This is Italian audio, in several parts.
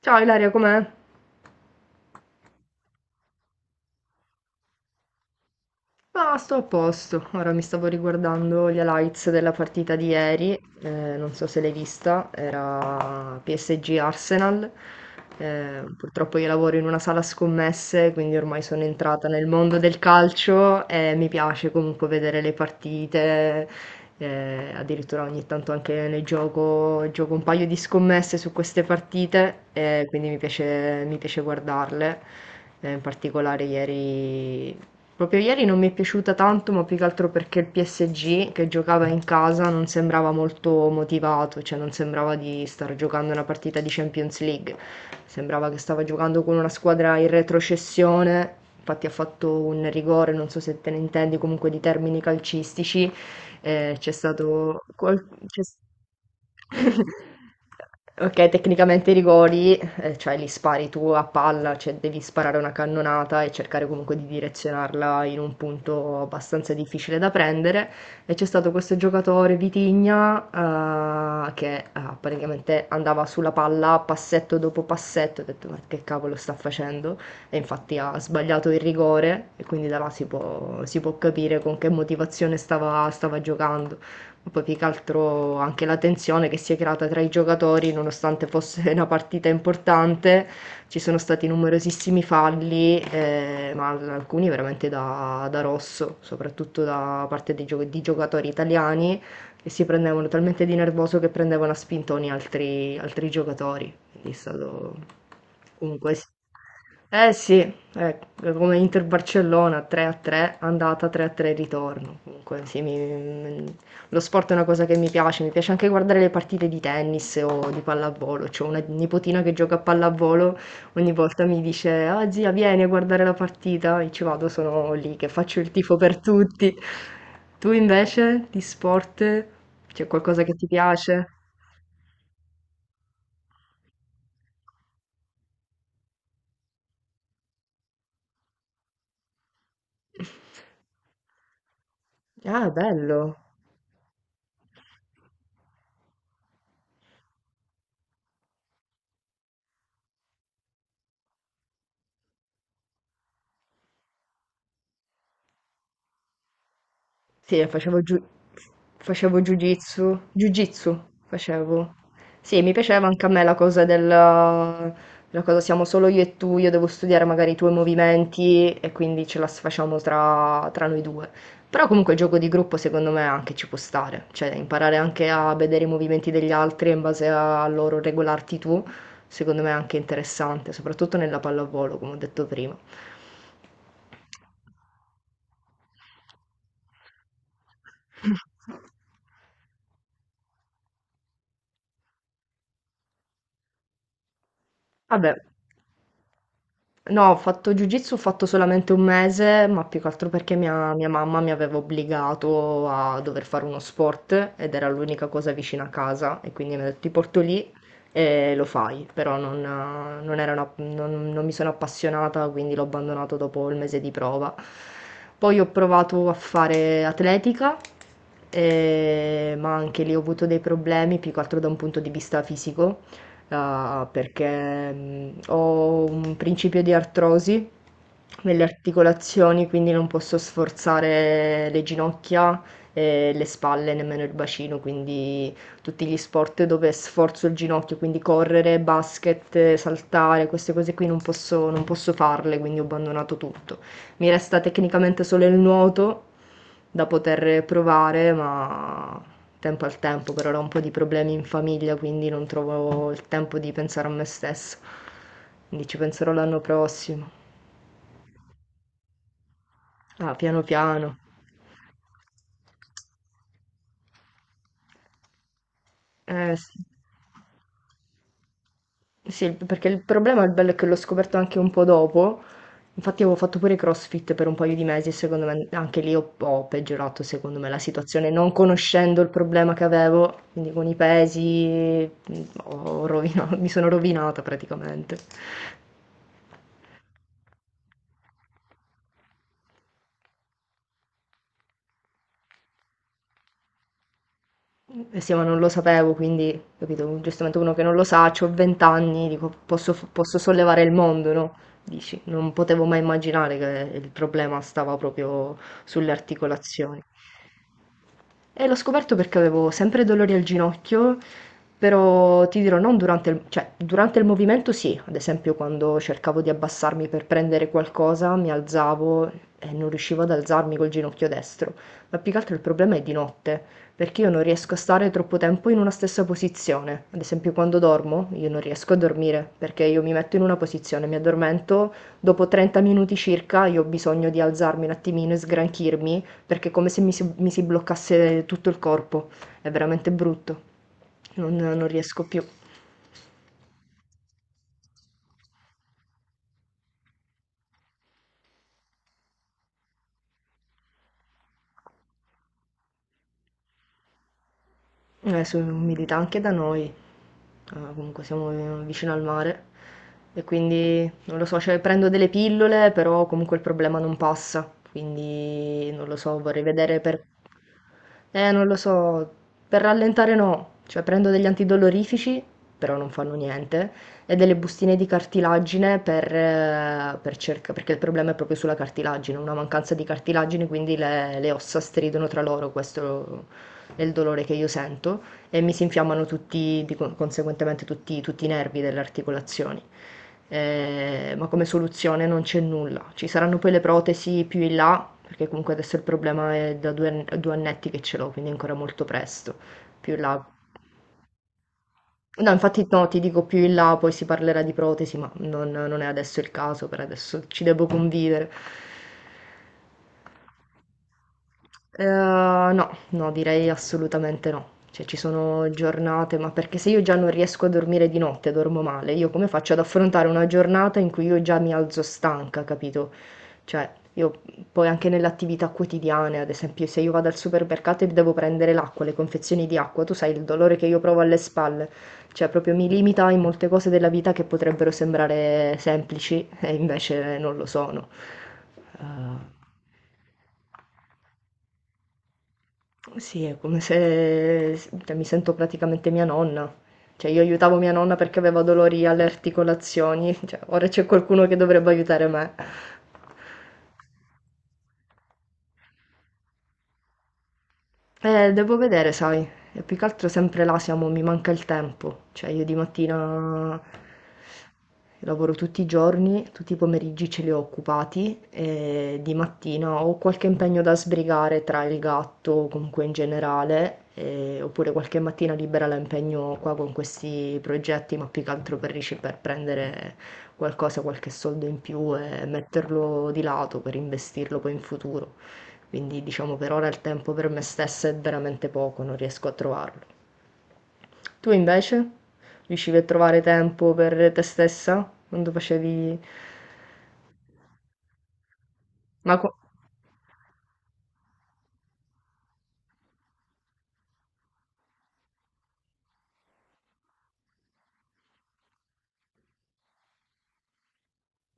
Ciao Ilaria, com'è? Ma sto a posto, ora mi stavo riguardando gli highlights della partita di ieri, non so se l'hai vista, era PSG Arsenal. Purtroppo io lavoro in una sala scommesse, quindi ormai sono entrata nel mondo del calcio e mi piace comunque vedere le partite. Addirittura ogni tanto anche ne gioco un paio di scommesse su queste partite, e quindi mi piace guardarle. In particolare ieri Proprio ieri non mi è piaciuta tanto, ma più che altro perché il PSG che giocava in casa non sembrava molto motivato, cioè non sembrava di star giocando una partita di Champions League. Sembrava che stava giocando con una squadra in retrocessione. Infatti ha fatto un rigore, non so se te ne intendi comunque di termini calcistici. C'è stato... qual- c'è- Ok, tecnicamente i rigori, cioè li spari tu a palla, cioè devi sparare una cannonata e cercare comunque di direzionarla in un punto abbastanza difficile da prendere. E c'è stato questo giocatore Vitigna, che praticamente andava sulla palla passetto dopo passetto, ho detto ma che cavolo sta facendo? E infatti ha sbagliato il rigore e quindi da là si può capire con che motivazione stava giocando. Poi più che altro anche la tensione che si è creata tra i giocatori, nonostante fosse una partita importante, ci sono stati numerosissimi falli. Alcuni veramente da rosso, soprattutto da parte di giocatori italiani che si prendevano talmente di nervoso che prendevano a spintoni altri giocatori. Quindi è stato comunque... Eh sì, eh, come Inter Barcellona 3 a 3, andata 3 a 3 ritorno. Comunque sì, lo sport è una cosa che mi piace anche guardare le partite di tennis o di pallavolo. C'ho una nipotina che gioca a pallavolo, ogni volta mi dice: Ah, zia, vieni a guardare la partita. E ci vado, sono lì che faccio il tifo per tutti. Tu invece di sport c'è qualcosa che ti piace? Ah, bello. Sì, facevo jiu-jitsu, jiu-jitsu facevo. Sì, mi piaceva anche a me la cosa la cosa siamo solo io e tu, io devo studiare magari i tuoi movimenti e quindi ce la facciamo tra noi due. Però comunque il gioco di gruppo secondo me anche ci può stare, cioè imparare anche a vedere i movimenti degli altri e in base a loro regolarti tu, secondo me è anche interessante, soprattutto nella pallavolo, come ho detto prima. Vabbè. No, ho fatto jiu-jitsu, ho fatto solamente un mese, ma più che altro perché mia mamma mi aveva obbligato a dover fare uno sport ed era l'unica cosa vicina a casa e quindi mi ha detto ti porto lì e lo fai, però non, non mi sono appassionata, quindi l'ho abbandonato dopo il mese di prova. Poi ho provato a fare atletica, ma anche lì ho avuto dei problemi, più che altro da un punto di vista fisico. Ah, perché ho un principio di artrosi nelle articolazioni, quindi non posso sforzare le ginocchia e le spalle, nemmeno il bacino, quindi tutti gli sport dove sforzo il ginocchio, quindi correre, basket, saltare, queste cose qui non posso farle, quindi ho abbandonato tutto. Mi resta tecnicamente solo il nuoto da poter provare, ma tempo al tempo, per ora ho un po' di problemi in famiglia, quindi non trovo il tempo di pensare a me stessa. Quindi ci penserò l'anno prossimo. Ah, piano piano. Eh sì. Sì, il perché il problema, il bello è che l'ho scoperto anche un po' dopo. Infatti avevo fatto pure CrossFit per un paio di mesi e secondo me anche lì ho peggiorato, secondo me, la situazione, non conoscendo il problema che avevo, quindi con i pesi mi sono rovinata praticamente. Eh sì, ma non lo sapevo, quindi, capito, giustamente uno che non lo sa, ho 20 anni, dico, posso sollevare il mondo, no? Dici, non potevo mai immaginare che il problema stava proprio sulle articolazioni. E l'ho scoperto perché avevo sempre dolori al ginocchio, però ti dirò, non durante il, cioè, durante il movimento sì, ad esempio quando cercavo di abbassarmi per prendere qualcosa, mi alzavo e non riuscivo ad alzarmi col ginocchio destro, ma più che altro il problema è di notte, perché io non riesco a stare troppo tempo in una stessa posizione. Ad esempio quando dormo, io non riesco a dormire, perché io mi metto in una posizione, mi addormento, dopo 30 minuti circa io ho bisogno di alzarmi un attimino e sgranchirmi perché è come se mi si bloccasse tutto il corpo, è veramente brutto, non riesco più. Su umidità anche da noi. Ah, comunque siamo vicino al mare e quindi non lo so, cioè prendo delle pillole, però comunque il problema non passa, quindi non lo so, vorrei vedere per... non lo so, per rallentare no, cioè prendo degli antidolorifici, però non fanno niente, e delle bustine di cartilagine per, perché il problema è proprio sulla cartilagine, una mancanza di cartilagine, quindi le ossa stridono tra loro, questo è il dolore che io sento e mi si infiammano tutti, di conseguentemente tutti, i nervi delle articolazioni. Ma come soluzione non c'è nulla. Ci saranno poi le protesi più in là, perché comunque adesso il problema è da due annetti che ce l'ho, quindi è ancora molto presto. Più in là. No, infatti no, ti dico più in là, poi si parlerà di protesi, ma non è adesso il caso, per adesso ci devo convivere. No, no, direi assolutamente no. Cioè, ci sono giornate, ma perché se io già non riesco a dormire di notte, dormo male, io come faccio ad affrontare una giornata in cui io già mi alzo stanca, capito? Cioè, io poi anche nelle attività quotidiane, ad esempio, se io vado al supermercato e devo prendere l'acqua, le confezioni di acqua, tu sai il dolore che io provo alle spalle. Cioè, proprio mi limita in molte cose della vita che potrebbero sembrare semplici e invece non lo sono. Eh, Sì, è come se s cioè mi sento praticamente mia nonna. Cioè io aiutavo mia nonna perché aveva dolori alle articolazioni, cioè ora c'è qualcuno che dovrebbe aiutare me. Devo vedere, sai, e più che altro sempre là siamo, mi manca il tempo, cioè io di mattina lavoro tutti i giorni, tutti i pomeriggi ce li ho occupati e di mattina ho qualche impegno da sbrigare tra il gatto, o comunque in generale, oppure qualche mattina libera la impegno qua con questi progetti, ma più che altro per, per prendere qualcosa, qualche soldo in più e metterlo di lato per investirlo poi in futuro. Quindi diciamo per ora il tempo per me stessa è veramente poco, non riesco a trovarlo. Tu invece? Riuscivi a trovare tempo per te stessa? Quando facevi... Ma, co-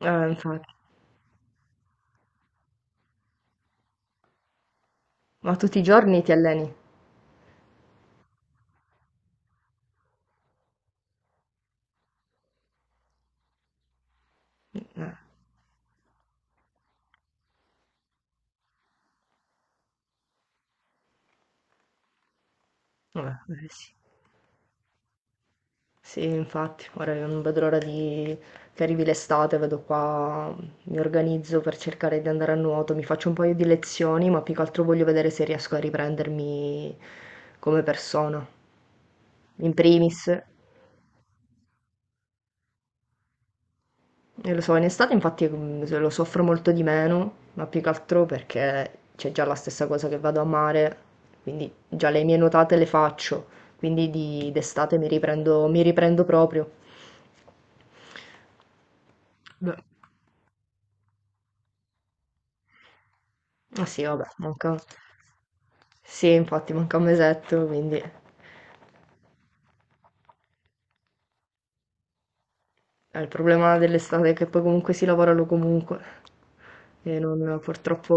Infatti. Ma tutti i giorni ti alleni? Eh, vabbè, eh sì. Sì, infatti, ora io non vedo l'ora di... che arrivi l'estate, vedo qua, mi organizzo per cercare di andare a nuoto, mi faccio un paio di lezioni, ma più che altro voglio vedere se riesco a riprendermi come persona. In primis. Lo so, in estate infatti lo soffro molto di meno, ma più che altro perché c'è già la stessa cosa che vado a mare, quindi già le mie nuotate le faccio, quindi d'estate mi riprendo proprio. Beh, ah sì, vabbè, manca... Sì, infatti manca un mesetto, quindi è il problema dell'estate è che poi comunque si lavorano comunque e non, purtroppo.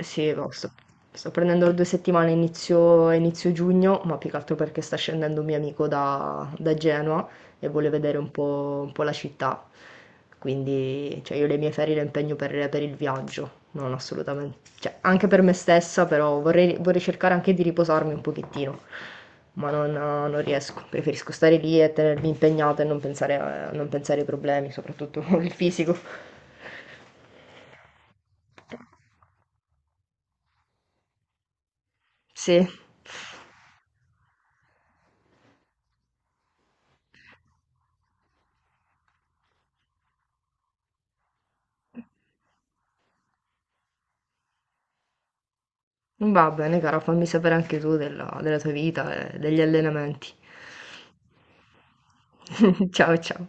Sì, no, sto prendendo 2 settimane inizio giugno, ma più che altro perché sta scendendo un mio amico da Genova e vuole vedere un po' la città. Quindi, cioè, io le mie ferie le impegno per il viaggio, non assolutamente. Cioè, anche per me stessa, però vorrei cercare anche di riposarmi un pochettino, ma non riesco. Preferisco stare lì e tenermi impegnata e non pensare ai problemi, soprattutto il fisico. Sì. Va bene cara, fammi sapere anche tu della tua vita e degli allenamenti. Ciao ciao.